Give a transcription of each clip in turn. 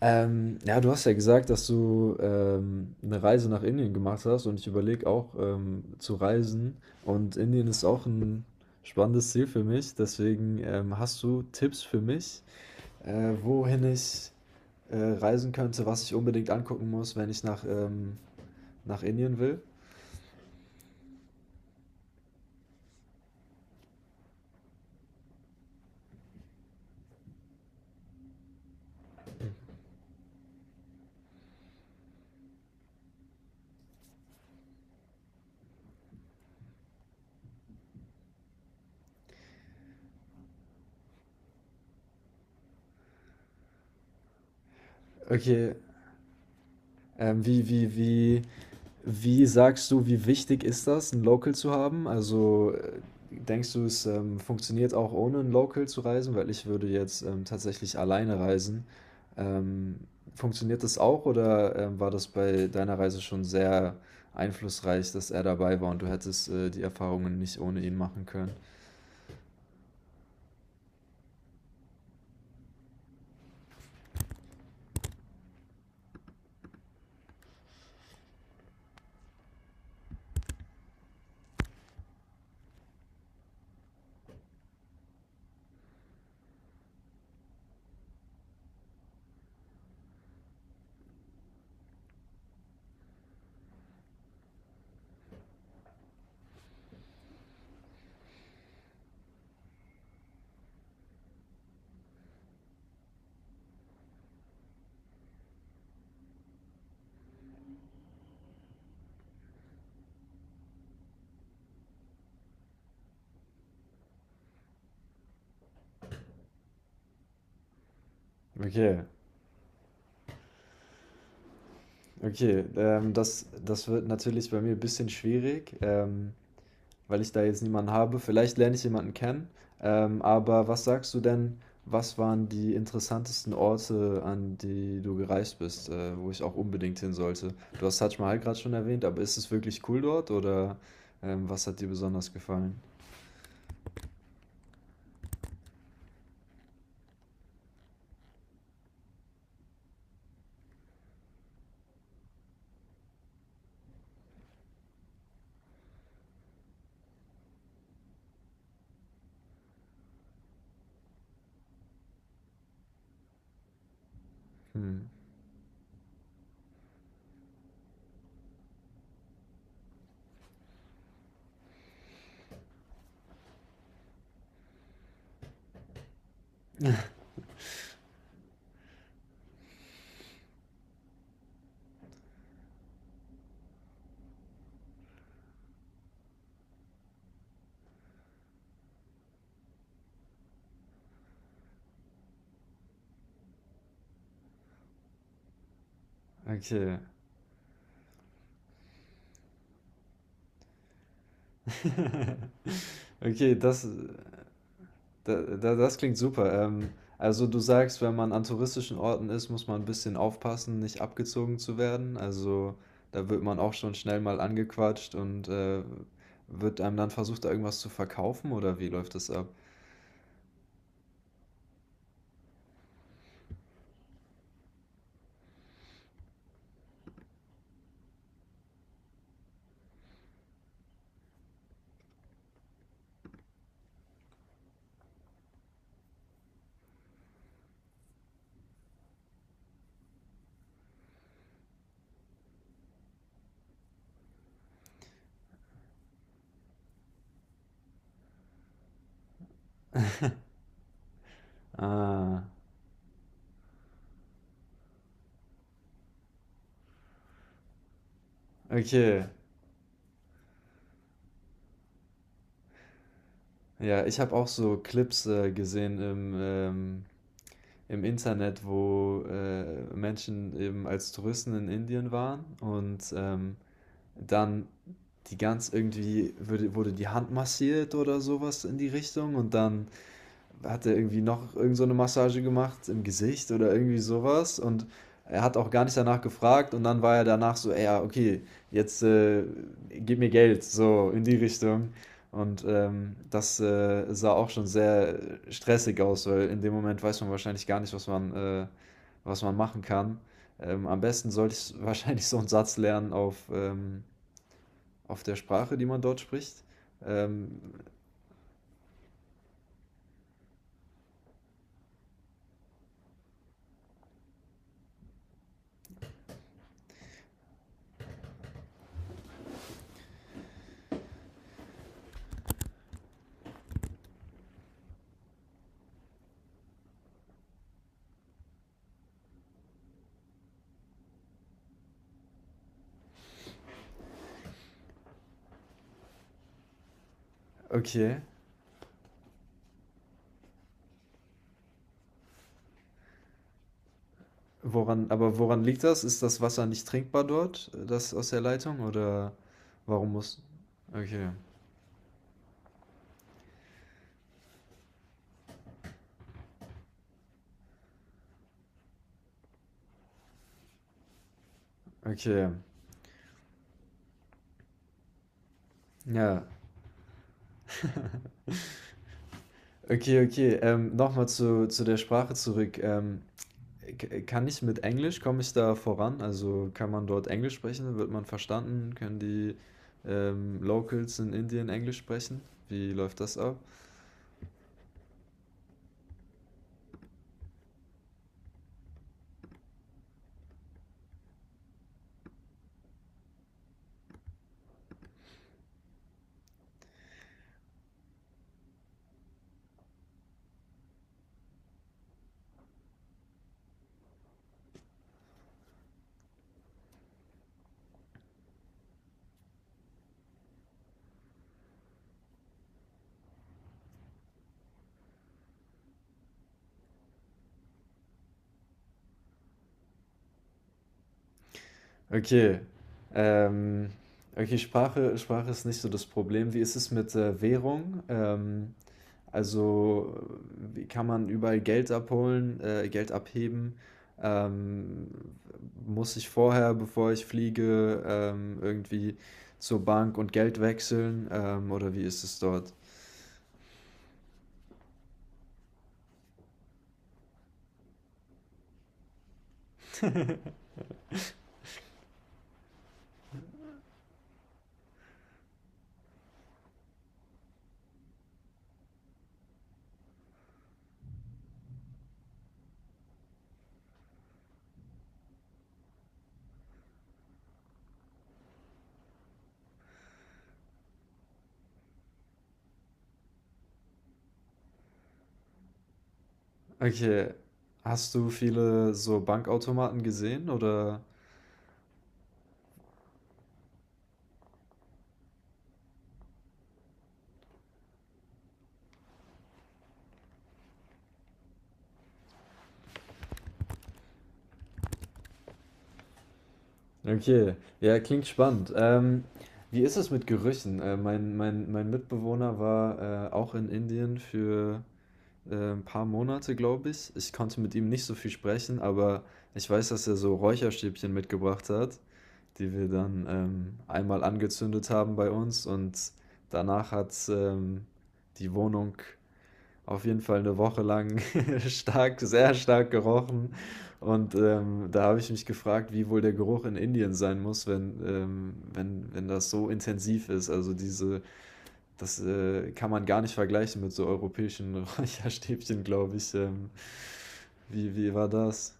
Ja, du hast ja gesagt, dass du eine Reise nach Indien gemacht hast und ich überlege auch zu reisen. Und Indien ist auch ein spannendes Ziel für mich. Deswegen hast du Tipps für mich, wohin ich reisen könnte, was ich unbedingt angucken muss, wenn ich nach, nach Indien will? Okay, ähm, wie, wie, wie Wie sagst du, wie wichtig ist das, ein Local zu haben? Also, denkst du, funktioniert auch ohne ein Local zu reisen? Weil ich würde jetzt, tatsächlich alleine reisen. Ähm, Funktioniert das auch oder, war das bei deiner Reise schon sehr einflussreich, dass er dabei war und du hättest, die Erfahrungen nicht ohne ihn machen können? Okay, okay. Das wird natürlich bei mir ein bisschen schwierig. Weil ich da jetzt niemanden habe. Vielleicht lerne ich jemanden kennen. Aber was sagst du denn, was waren die interessantesten Orte, an die du gereist bist, wo ich auch unbedingt hin sollte? Du hast Taj Mahal gerade schon erwähnt, aber ist es wirklich cool dort oder was hat dir besonders gefallen? Hm. Okay. Okay, das. Das klingt super. Also du sagst, wenn man an touristischen Orten ist, muss man ein bisschen aufpassen, nicht abgezogen zu werden. Also da wird man auch schon schnell mal angequatscht und wird einem dann versucht, da irgendwas zu verkaufen oder wie läuft das ab? Ah, okay. Ja, ich habe auch so Clips gesehen im, im Internet, wo Menschen eben als Touristen in Indien waren und dann die wurde die Hand massiert oder sowas in die Richtung und dann hat er irgendwie noch irgend so eine Massage gemacht im Gesicht oder irgendwie sowas und er hat auch gar nicht danach gefragt und dann war er danach so, "Ey, ja, okay, jetzt gib mir Geld, so in die Richtung. Und das sah auch schon sehr stressig aus, weil in dem Moment weiß man wahrscheinlich gar nicht, was man machen kann. Am besten sollte ich wahrscheinlich so einen Satz lernen auf der Sprache, die man dort spricht. Ähm, okay. Aber woran liegt das? Ist das Wasser nicht trinkbar dort, das aus der Leitung? Oder warum muss. Okay, okay. Ja. Okay, okay. Nochmal zu der Sprache zurück. Kann ich mit Englisch, komme ich da voran? Also kann man dort Englisch sprechen? Wird man verstanden? Können die Locals in Indien Englisch sprechen? Wie läuft das ab? Okay. Ähm, okay, Sprache ist nicht so das Problem. Wie ist es mit Währung? Also, wie kann man überall Geld abholen, Geld abheben? Ähm, Muss ich vorher, bevor ich fliege, irgendwie zur Bank und Geld wechseln? Oder wie ist es dort? Okay. Hast du viele so Bankautomaten gesehen oder? Okay, ja, klingt spannend. Wie ist es mit Gerüchen? Mein Mitbewohner war auch in Indien für ein paar Monate, glaube ich. Ich konnte mit ihm nicht so viel sprechen, aber ich weiß, dass er so Räucherstäbchen mitgebracht hat, die wir dann einmal angezündet haben bei uns und danach hat die Wohnung auf jeden Fall eine Woche lang stark sehr stark gerochen und, da habe ich mich gefragt, wie wohl der Geruch in Indien sein muss, wenn wenn das so intensiv ist. Also, diese das, kann man gar nicht vergleichen mit so europäischen Räucherstäbchen, glaube ich. Wie war das?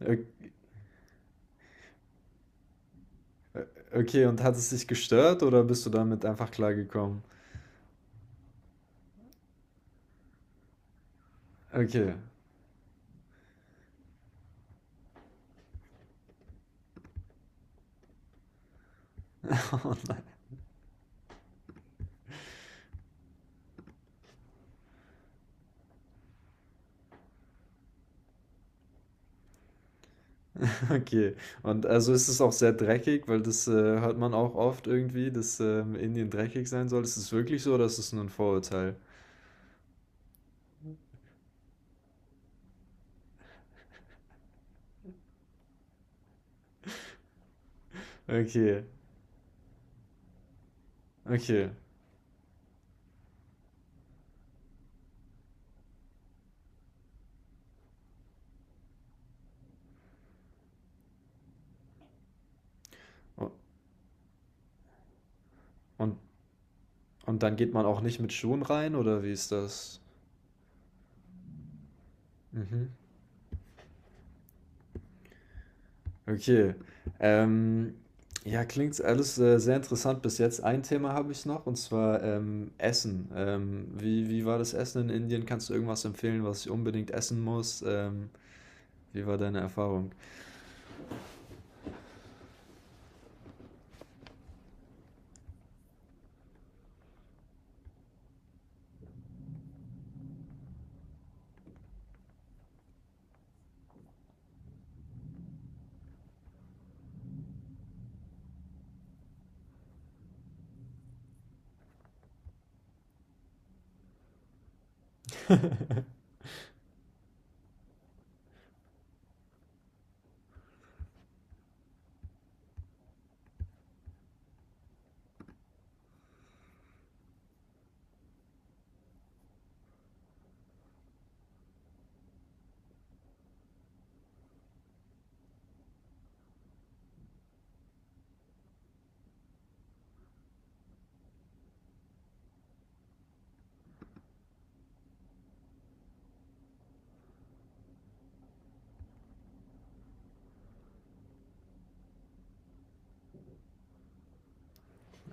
Ö Okay, und hat es dich gestört oder bist du damit einfach klargekommen? Okay. Okay. Und also ist es auch sehr dreckig, weil das, hört man auch oft irgendwie, dass, Indien dreckig sein soll. Ist es wirklich so oder ist es nur ein Vorurteil? Okay, okay. U und und dann geht man auch nicht mit Schuhen rein oder wie ist das? Mhm. Okay. Ähm, ja, klingt alles, sehr interessant bis jetzt. Ein Thema habe ich noch und zwar, Essen. Wie war das Essen in Indien? Kannst du irgendwas empfehlen, was ich unbedingt essen muss? Wie war deine Erfahrung?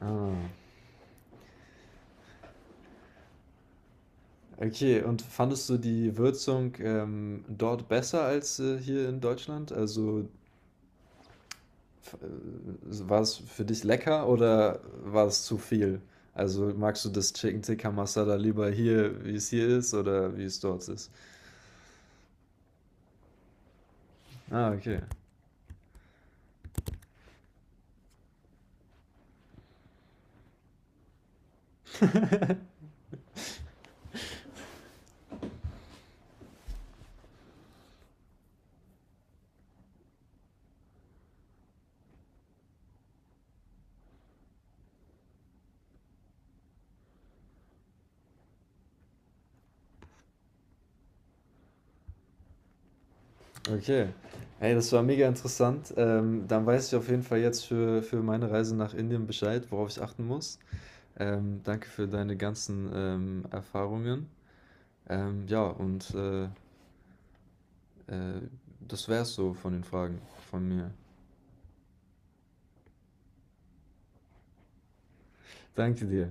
Ah. Okay, und fandest du die Würzung, dort besser als, hier in Deutschland? Also, f war es für dich lecker oder war es zu viel? Also, magst du das Chicken Tikka Masala lieber hier, wie es hier ist oder wie es dort ist? Ah, okay. Okay. Hey, das war mega interessant. Dann weiß ich auf jeden Fall jetzt für meine Reise nach Indien Bescheid, worauf ich achten muss. Danke für deine ganzen, Erfahrungen. Ähm, ja, und, äh Äh, Das wär's so von den Fragen von mir. Danke dir.